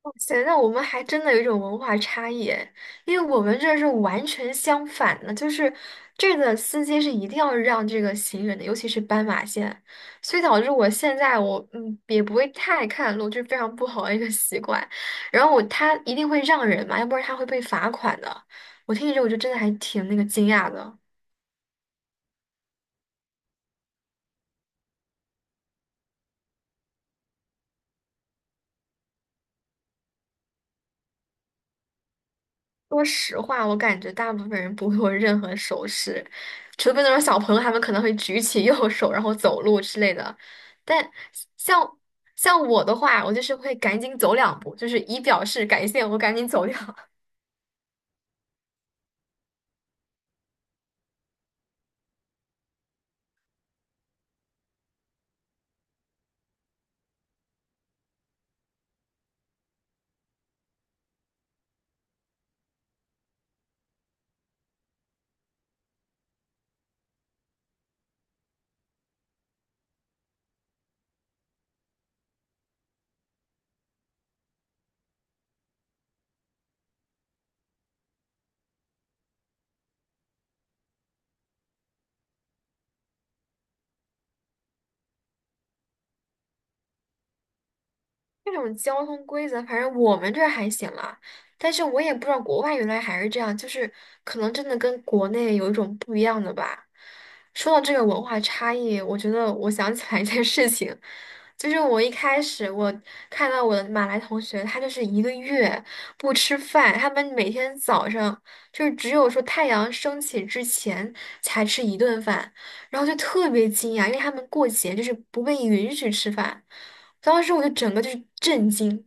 哇塞，那我们还真的有一种文化差异诶，因为我们这是完全相反的，就是这个司机是一定要让这个行人的，尤其是斑马线，所以导致我现在也不会太看路，就是非常不好的一个习惯。然后他一定会让人嘛，要不然他会被罚款的。我听你这，我就真的还挺那个惊讶的。说实话，我感觉大部分人不会有任何手势，除非那种小朋友，他们可能会举起 右手然后走路之类的。但像像我的话，我就是会赶紧走两步，就是以表示感谢，我赶紧走掉。这种交通规则，反正我们这儿还行啦，但是我也不知道国外原来还是这样，就是可能真的跟国内有一种不一样的吧。说到这个文化差异，我觉得我想起来一件事情。我一开始看到我的马来同学，他就是一个月不吃饭，他们每天早上就是只有说太阳升起之前才吃一顿饭，然后就特别惊讶，因为他们过节就是不被允许吃饭，当时我就整个就是震惊。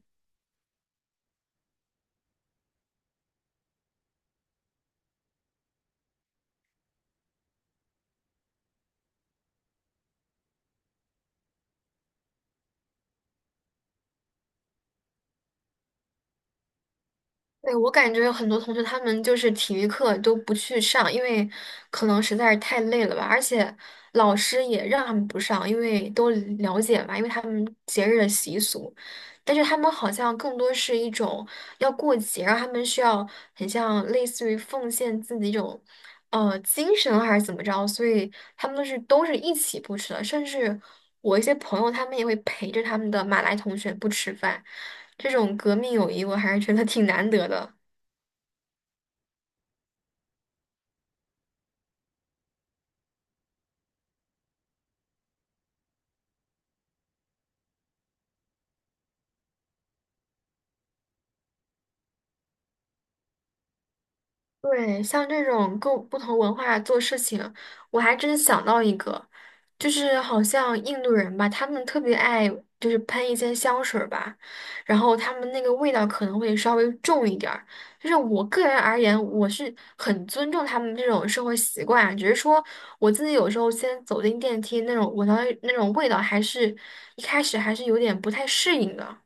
对，我感觉很多同学他们就是体育课都不去上，因为可能实在是太累了吧，而且老师也让他们不上，因为都了解嘛，因为他们节日的习俗。但是他们好像更多是一种要过节，然后他们需要很像类似于奉献自己一种，精神啊还是怎么着，所以他们都是一起不吃的，甚至我一些朋友他们也会陪着他们的马来同学不吃饭，这种革命友谊我还是觉得挺难得的。对，像这种各不同文化做事情，我还真想到一个，就是好像印度人吧，他们特别爱就是喷一些香水儿吧，然后他们那个味道可能会稍微重一点儿。就是我个人而言，我是很尊重他们这种生活习惯啊，只是说我自己有时候先走进电梯那种闻到那种味道，还是一开始还是有点不太适应的。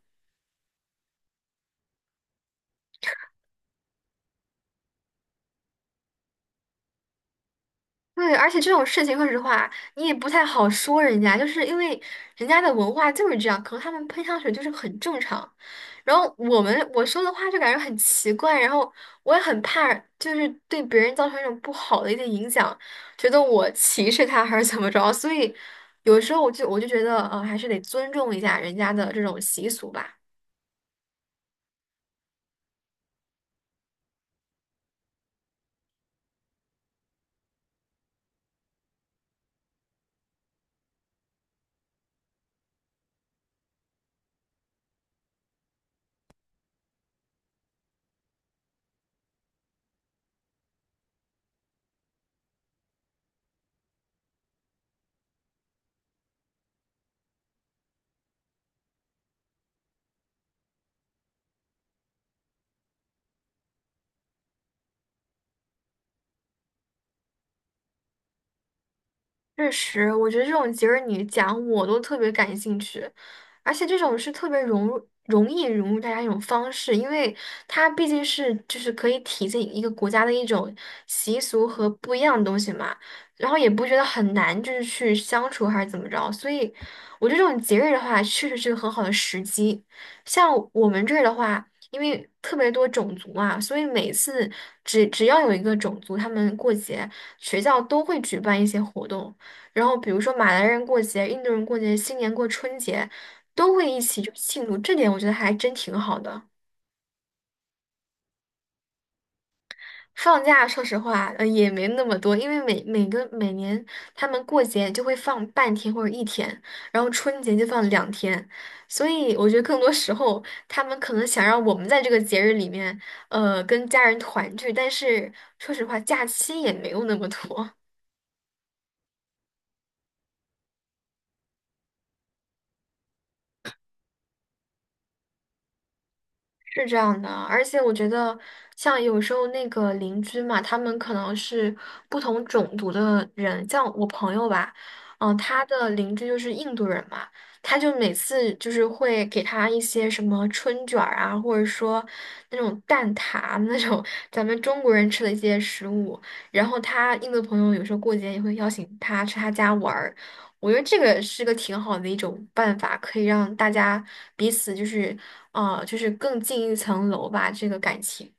对，而且这种事情，说实话，你也不太好说人家，就是因为人家的文化就是这样，可能他们喷香水就是很正常。然后我说的话就感觉很奇怪，然后我也很怕，就是对别人造成一种不好的一些影响，觉得我歧视他还是怎么着，所以有时候我就觉得，还是得尊重一下人家的这种习俗吧。确实，我觉得这种节日你讲我都特别感兴趣，而且这种是特别融入、容易融入大家一种方式，因为它毕竟是就是可以体现一个国家的一种习俗和不一样的东西嘛，然后也不觉得很难，就是去相处还是怎么着，所以我觉得这种节日的话，确实是个很好的时机。像我们这儿的话，因为特别多种族嘛，所以每次只要有一个种族他们过节。学校都会举办一些活动，然后比如说马来人过节、印度人过节、新年过春节，都会一起就庆祝，这点我觉得还真挺好的。放假说实话，也没那么多，因为每年他们过节就会放半天或者一天，然后春节就放两天，所以我觉得更多时候他们可能想让我们在这个节日里面，跟家人团聚，但是说实话，假期也没有那么多。是这样的，而且我觉得，像有时候那个邻居嘛，他们可能是不同种族的人，像我朋友吧，他的邻居就是印度人嘛，他就每次就是会给他一些什么春卷儿啊，或者说那种蛋挞那种 咱们中国人吃的一些食物，然后他印度朋友有时候过节也会邀请他去他家玩儿，我觉得这个是个挺好的一种办法，可以让大家彼此就是就是更进一层楼吧，这个感情。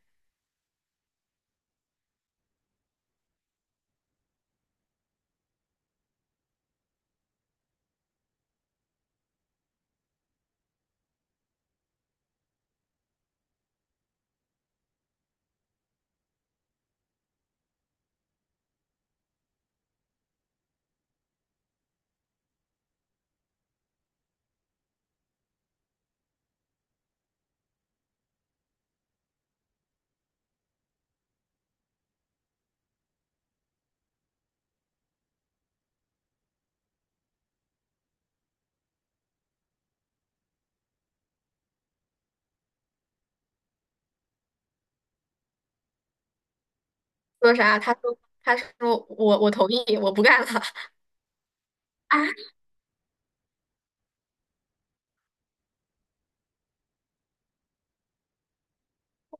说啥？他说，他说我同意，我不干了。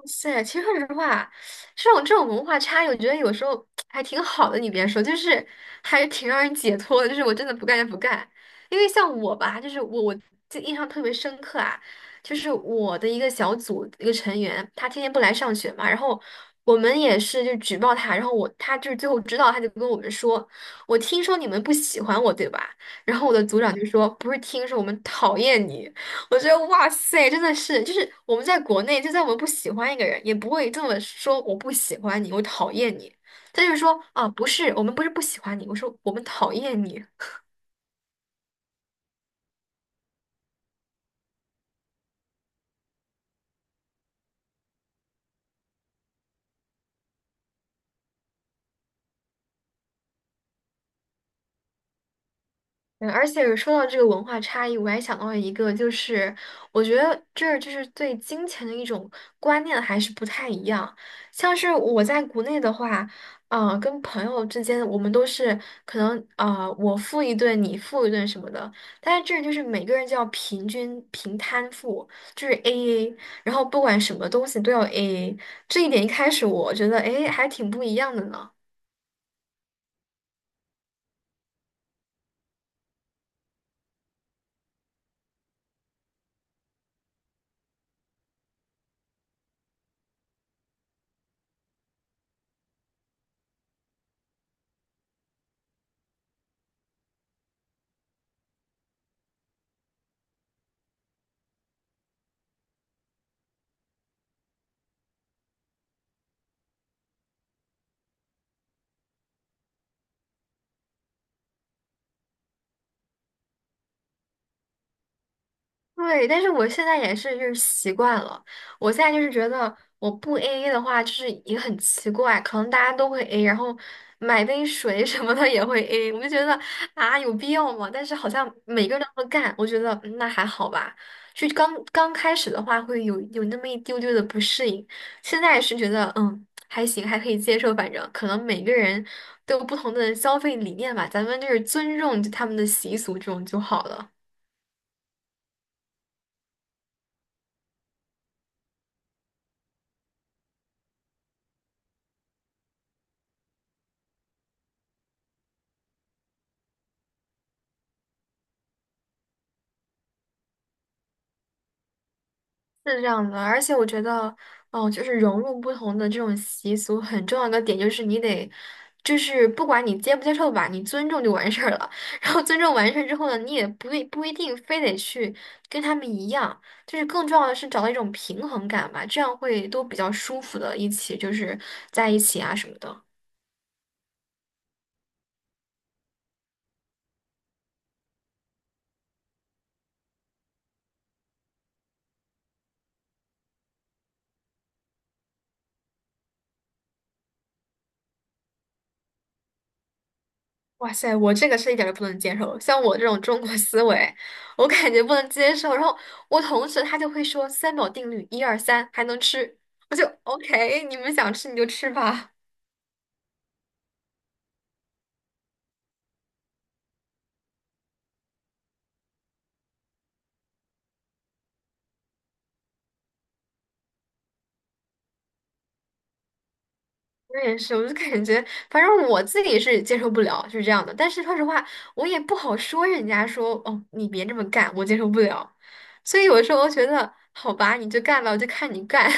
塞，其实说实话，这种文化差异，我觉得有时候 还挺好的。你别说，就是还挺让人解脱的。就是我真的不干就不干，因为像我吧，就是我记印象特别深刻啊，就是我的一个小组一个成员，他天天不来上学嘛，然后我们也是就举报他，然后我他就是最后知道，他就跟我们说，我听说你们不喜欢我，对吧？然后我的组长就说，不是听说，我们讨厌你。我觉得哇塞，真的是，就是我们在国内，就算我们不喜欢一个人，也不会这么说我不喜欢你，我讨厌你。他就是说啊，不是，我们不是不喜欢你，我说我们讨厌你。嗯，而且说到这个文化差异，我还想到了一个，就是我觉得这儿就是对金钱的一种观念还是不太一样。像是我在国内的话，跟朋友之间，我们都是可能我付一顿，你付一顿什么的。但是这儿就是每个人就要平均平摊付，就是 AA，然后不管什么东西都要 AA。这一点一开始我觉得，哎，还挺不一样的呢。对，但是我现在也是就是习惯了，我现在就是觉得我不 AA 的话，就是也很奇怪，可能大家都会 A，然后买杯水 什么的也会 A，我就觉得啊有必要吗？但是好像每个人都会干，我觉得嗯那还好吧。就刚刚开始的话会有那么一丢丢的不适应，现在是觉得嗯还行，还可以接受，反正可能每个人都有不同的消费理念吧，咱们就是尊重就他们的习俗这种就好了。是这样的，而且我觉得，哦，就是融入不同的这种习俗，很重要的点就是你得，就是不管你接不接受吧，你尊重就完事儿了。然后尊重完事儿之后呢，你也不一定非得去跟他们一样，就是更重要的是找到一种平衡感吧，这样会都比较舒服的，一起就是在一起啊什么的。哇塞，我这个是一点儿都不能接受。像我这种中国思维，我感觉不能接受。然后我同事他就会说三秒定律，一二三，还能吃。我就 OK，你们想吃你就吃吧。我也是，我就感觉，反正我自己是接受不了，是这样的。但是说实话，我也不好说人家说哦，你别这么干，我接受不了。所以有时候我觉得，好吧，你就干吧，我就看你干。